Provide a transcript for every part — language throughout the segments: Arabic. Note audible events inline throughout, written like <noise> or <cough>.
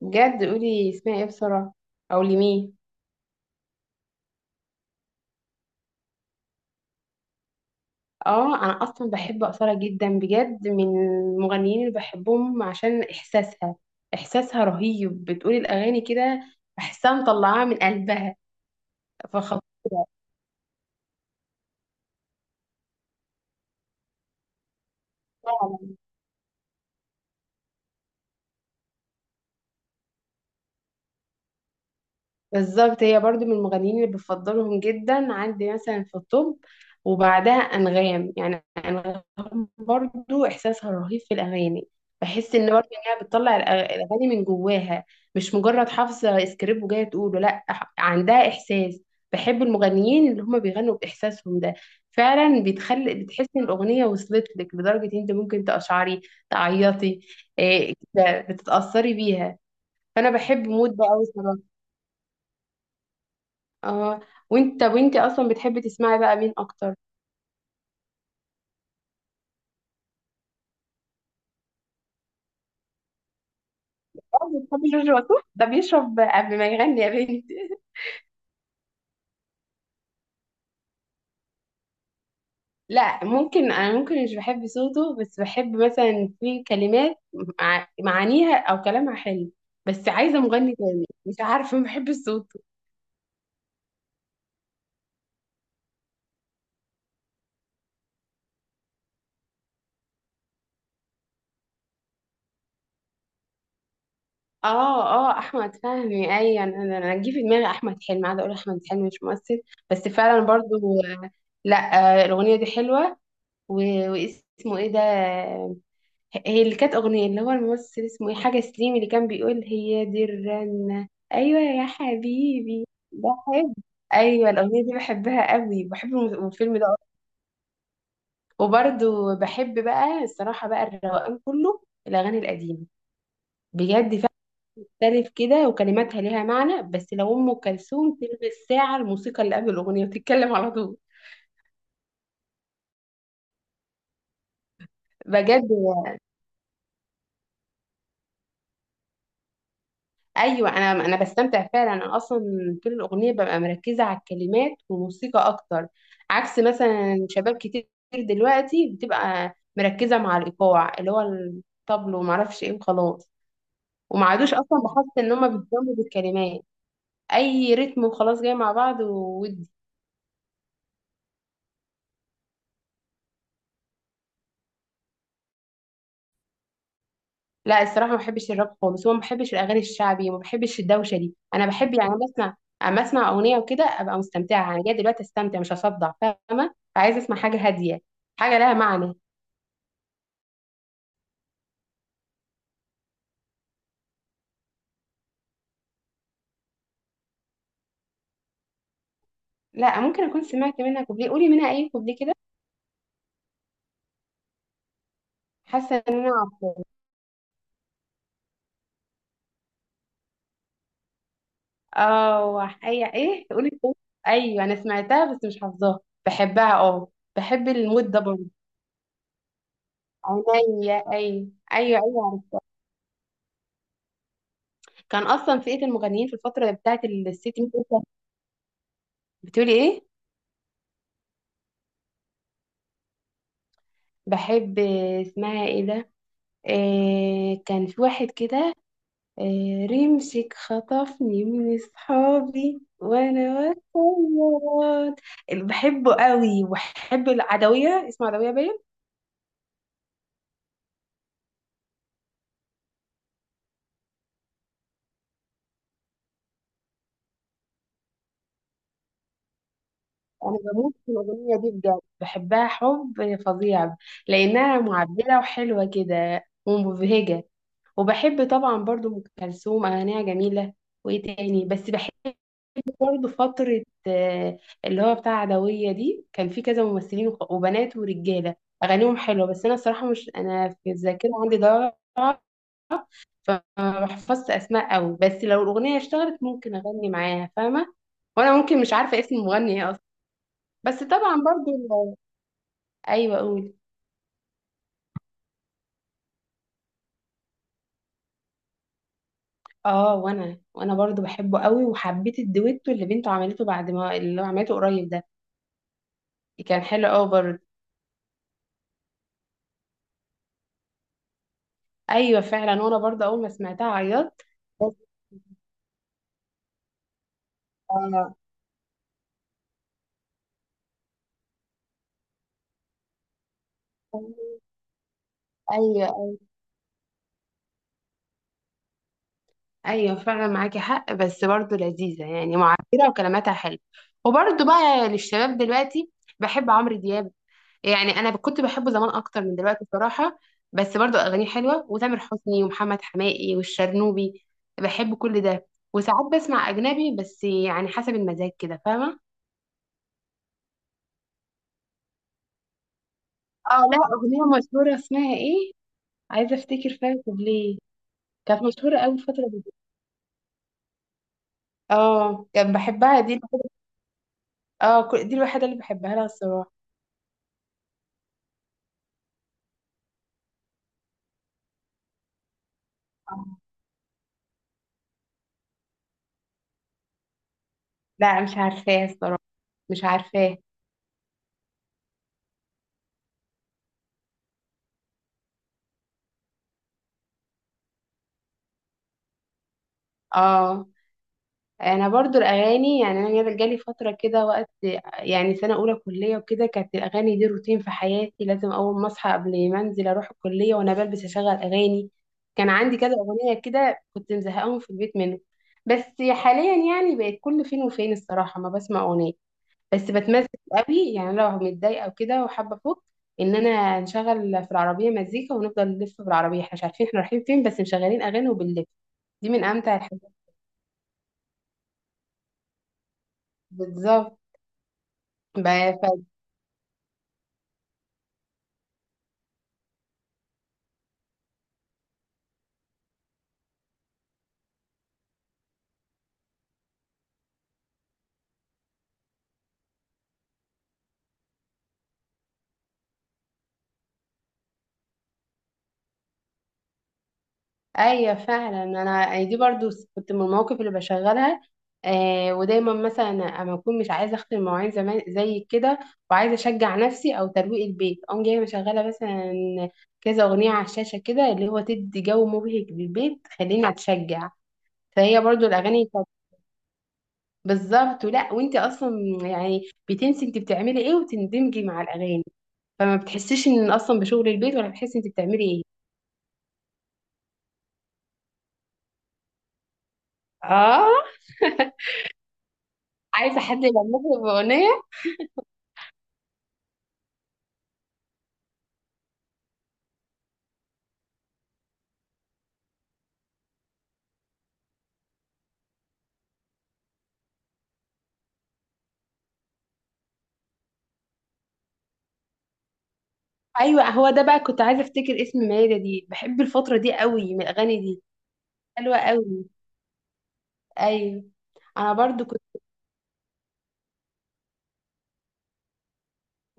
بجد قولي اسمها ايه بسرعة، او لمين. اه، انا اصلا بحب اصالة جدا، بجد من المغنيين اللي بحبهم عشان احساسها. احساسها رهيب، بتقولي الاغاني كده بحسها مطلعاها من قلبها، فخطيرة فعلا. بالظبط، هي برضو من المغنيين اللي بفضلهم جدا عندي مثلا في الطب. وبعدها أنغام، يعني أنغام برضو إحساسها رهيب في الأغاني. بحس إن برضو إنها بتطلع الأغاني من جواها، مش مجرد حافظة سكريبت وجاية تقوله. لأ عندها إحساس. بحب المغنيين اللي هما بيغنوا بإحساسهم ده، فعلا بتخلي بتحس إن الأغنية وصلت لك لدرجة إن أنت ممكن تقشعري، تعيطي. إيه، كده بتتأثري بيها. فأنا بحب مود ده أوي صراحة. اه. وانت اصلا بتحبي تسمعي بقى مين اكتر؟ اه، بتحبي جورج وسوف؟ ده بيشرب قبل ما يغني يا بنتي. <laughs> لا، ممكن انا ممكن مش بحب صوته، بس بحب مثلا في كلمات معانيها او كلامها حلو. بس عايزه مغني تاني، مش عارفه، ما بحب صوته. اه. اه، احمد فهمي، ايوه، انا انا أنا جه في دماغي احمد حلمي، قاعده اقول احمد حلمي مش ممثل. بس فعلا برضو. لا، الاغنيه دي حلوه. واسمه ايه ده؟ هي اللي كانت أغنية، اللي هو الممثل اسمه إيه، حاجة سليم، اللي كان بيقول هي دي الرنة. أيوة يا حبيبي، بحب. أيوة، الأغنية دي بحبها قوي، بحب الفيلم ده أكتر. وبرضه بحب بقى الصراحة بقى الروقان كله، الأغاني القديمة، بجد فيها مختلف كده وكلماتها ليها معنى. بس لو أم كلثوم تلبس ساعة الموسيقى اللي قبل الأغنية وتتكلم على طول. بجد، ايوه، انا بستمتع فعلا. انا اصلا طول الاغنيه ببقى مركزه على الكلمات وموسيقى اكتر، عكس مثلا شباب كتير دلوقتي بتبقى مركزه مع الايقاع اللي هو الطبل وما اعرفش ايه وخلاص. وما عادوش اصلا بحس ان هم بيهتموا بالكلمات، اي رتم وخلاص جاي مع بعض وودي. لا الصراحه ما بحبش الراب خالص، وما بحبش الاغاني الشعبي، وما بحبش الدوشه دي. انا بحب، يعني أنا بسمع، اما اسمع اغنيه وكده ابقى مستمتعه. انا جايه دلوقتي استمتع مش اصدع، فاهمه؟ فعايزه اسمع حاجه هاديه، حاجه لها معنى. لا، ممكن اكون سمعت منها كوبليه، قولي منها اي كوبليه كده. حاسه ان انا عارفاه. اه، اي ايه، قولي كوبليه. ايوه، انا سمعتها بس مش حافظاها. بحبها، اه. بحب المود ده برضه. عينيا، ايوه ايوه ايوه، عرفتها. كان اصلا فئه المغنيين في الفتره بتاعت الست ميت. بتقولي ايه؟ بحب. اسمها ايه ده؟ إيه كان في واحد كده، إيه، رمسك خطفني من اصحابي وانا بصوت. بحبه قوي. وبحب العدوية، اسمها عدوية باين. انا بموت في الاغنية دي بجد، بحبها حب فظيع، لانها معبرة وحلوة كده ومبهجة. وبحب طبعا برضو ام كلثوم، اغانيها جميلة. وايه تاني بس بحب برضه فترة اللي هو بتاع عدوية دي، كان في كذا ممثلين وبنات ورجالة أغانيهم حلوة. بس أنا الصراحة مش، أنا في الذاكرة عندي ضعف، فما بحفظش أسماء أوي، بس لو الأغنية اشتغلت ممكن أغني معاها، فاهمة؟ وأنا ممكن مش عارفة اسم المغني إيه أصلا. بس طبعا برضه أيوه أقول. اه، وانا برضو بحبه قوي، وحبيت الدويتو اللي بنته عملته بعد ما اللي هو عملته قريب ده، كان حلو قوي برضه. ايوه فعلا، وانا برضه اول ما سمعتها عيطت. ايوه. ايوه ايوه فعلا معاكي حق، بس برضه لذيذه يعني، معبره وكلماتها حلوه. وبرضه بقى للشباب دلوقتي، بحب عمرو دياب. يعني انا كنت بحبه زمان اكتر من دلوقتي بصراحه، بس برضه اغانيه حلوه. وتامر حسني ومحمد حماقي والشرنوبي، بحب كل ده. وساعات بسمع اجنبي بس، يعني حسب المزاج كده، فاهمه؟ اه لا، اغنيه مشهوره، اسمها ايه؟ عايزه افتكر فيها ليه. كانت مشهوره قوي الفتره دي. اه، كان بحبها دي. اه دي الوحيدة اللي بحبها لها الصراحة. آه. لا، مش عارفاه الصراحة. مش عارفاه. اه، انا برضو الاغاني، يعني انا جالي فترة كده وقت، يعني سنة اولى كلية وكده، كانت الاغاني دي روتين في حياتي، لازم اول ما اصحى قبل ما انزل اروح الكلية وانا بلبس اشغل اغاني. كان عندي كذا اغنية كده كنت مزهقاهم في البيت منه. بس حاليا يعني بقت كل فين وفين الصراحة ما بسمع اغنية. بس بتمزج قوي، يعني لو متضايقه وكده وحابه افك، ان انا نشغل في العربيه مزيكا ونفضل نلف في العربيه، احنا مش عارفين احنا رايحين فين، بس مشغلين اغاني وبنلف. دي من امتع الحاجات. بالظبط. بقى ف... ايوه فعلا، انا يعني دي برضو كنت من المواقف اللي بشغلها. آه، ودايما مثلا اما اكون مش عايزه اختم المواعين زمان زي كده، وعايزه اشجع نفسي او ترويق البيت، اقوم جايه مشغله مثلا كذا اغنيه على الشاشه كده، اللي هو تدي جو مبهج للبيت خليني اتشجع. فهي برضو الاغاني بتاعت- بالظبط، ولا وانت اصلا، يعني بتنسي انت بتعملي ايه وتندمجي مع الاغاني، فما بتحسيش ان اصلا بشغل البيت ولا بتحسي انت بتعملي ايه. اه. <laughs> عايزه حد يغني باغنيه. ايوه هو ده بقى، كنت عايزه افتكر اسم مايده دي، بحب الفتره دي قوي من الاغاني دي. حلوه قوي. ايوه. انا برضو كنت،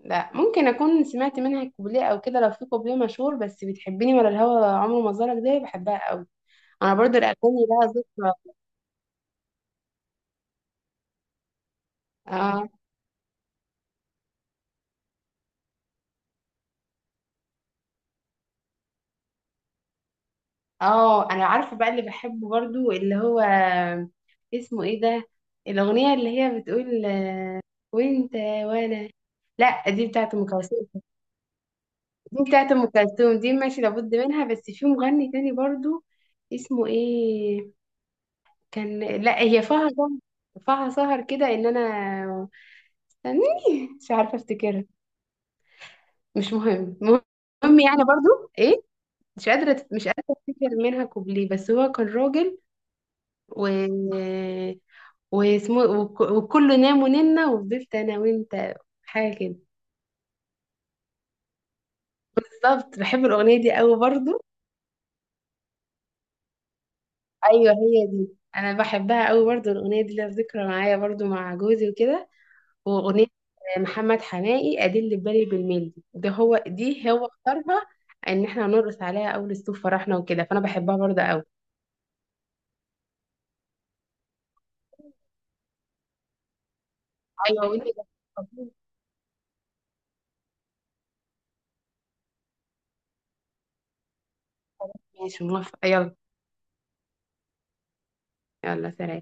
لا ممكن اكون سمعت منها كوبليه او كده، لو في كوبليه مشهور، بس بتحبني ولا الهوى عمره ما زارك ده بحبها قوي. انا برضو الاغاني لها ذكرى. اه. اه انا عارفه بقى اللي بحبه برضو اللي هو اسمه ايه ده، الاغنيه اللي هي بتقول وانت وانا. لا، دي بتاعت ام كلثوم. دي بتاعت ام كلثوم دي ماشي لابد منها، بس في مغني تاني برضو اسمه ايه، كان، لا هي فيها سهر، فيها سهر كده، ان انا، استني، مش عارفه افتكرها. مش مهم، المهم يعني برضو ايه، مش قادره افتكر منها كوبليه، بس هو كان راجل و واسمه وكله نام وننا وفضلت انا وانت، حاجه كده. بالظبط، بحب الاغنيه دي قوي برضو. ايوه هي دي. انا بحبها قوي برضو، الاغنيه دي لها ذكرى معايا برضو مع جوزي وكده. واغنيه محمد حماقي ادل بالي بالميل ده، هو دي هو اختارها ان احنا هنرقص عليها اول الصوف فرحنا وكده، فانا بحبها برضو قوي. ايوه، وانت ده. ماشي، موافقه، يلا. يلا سلام.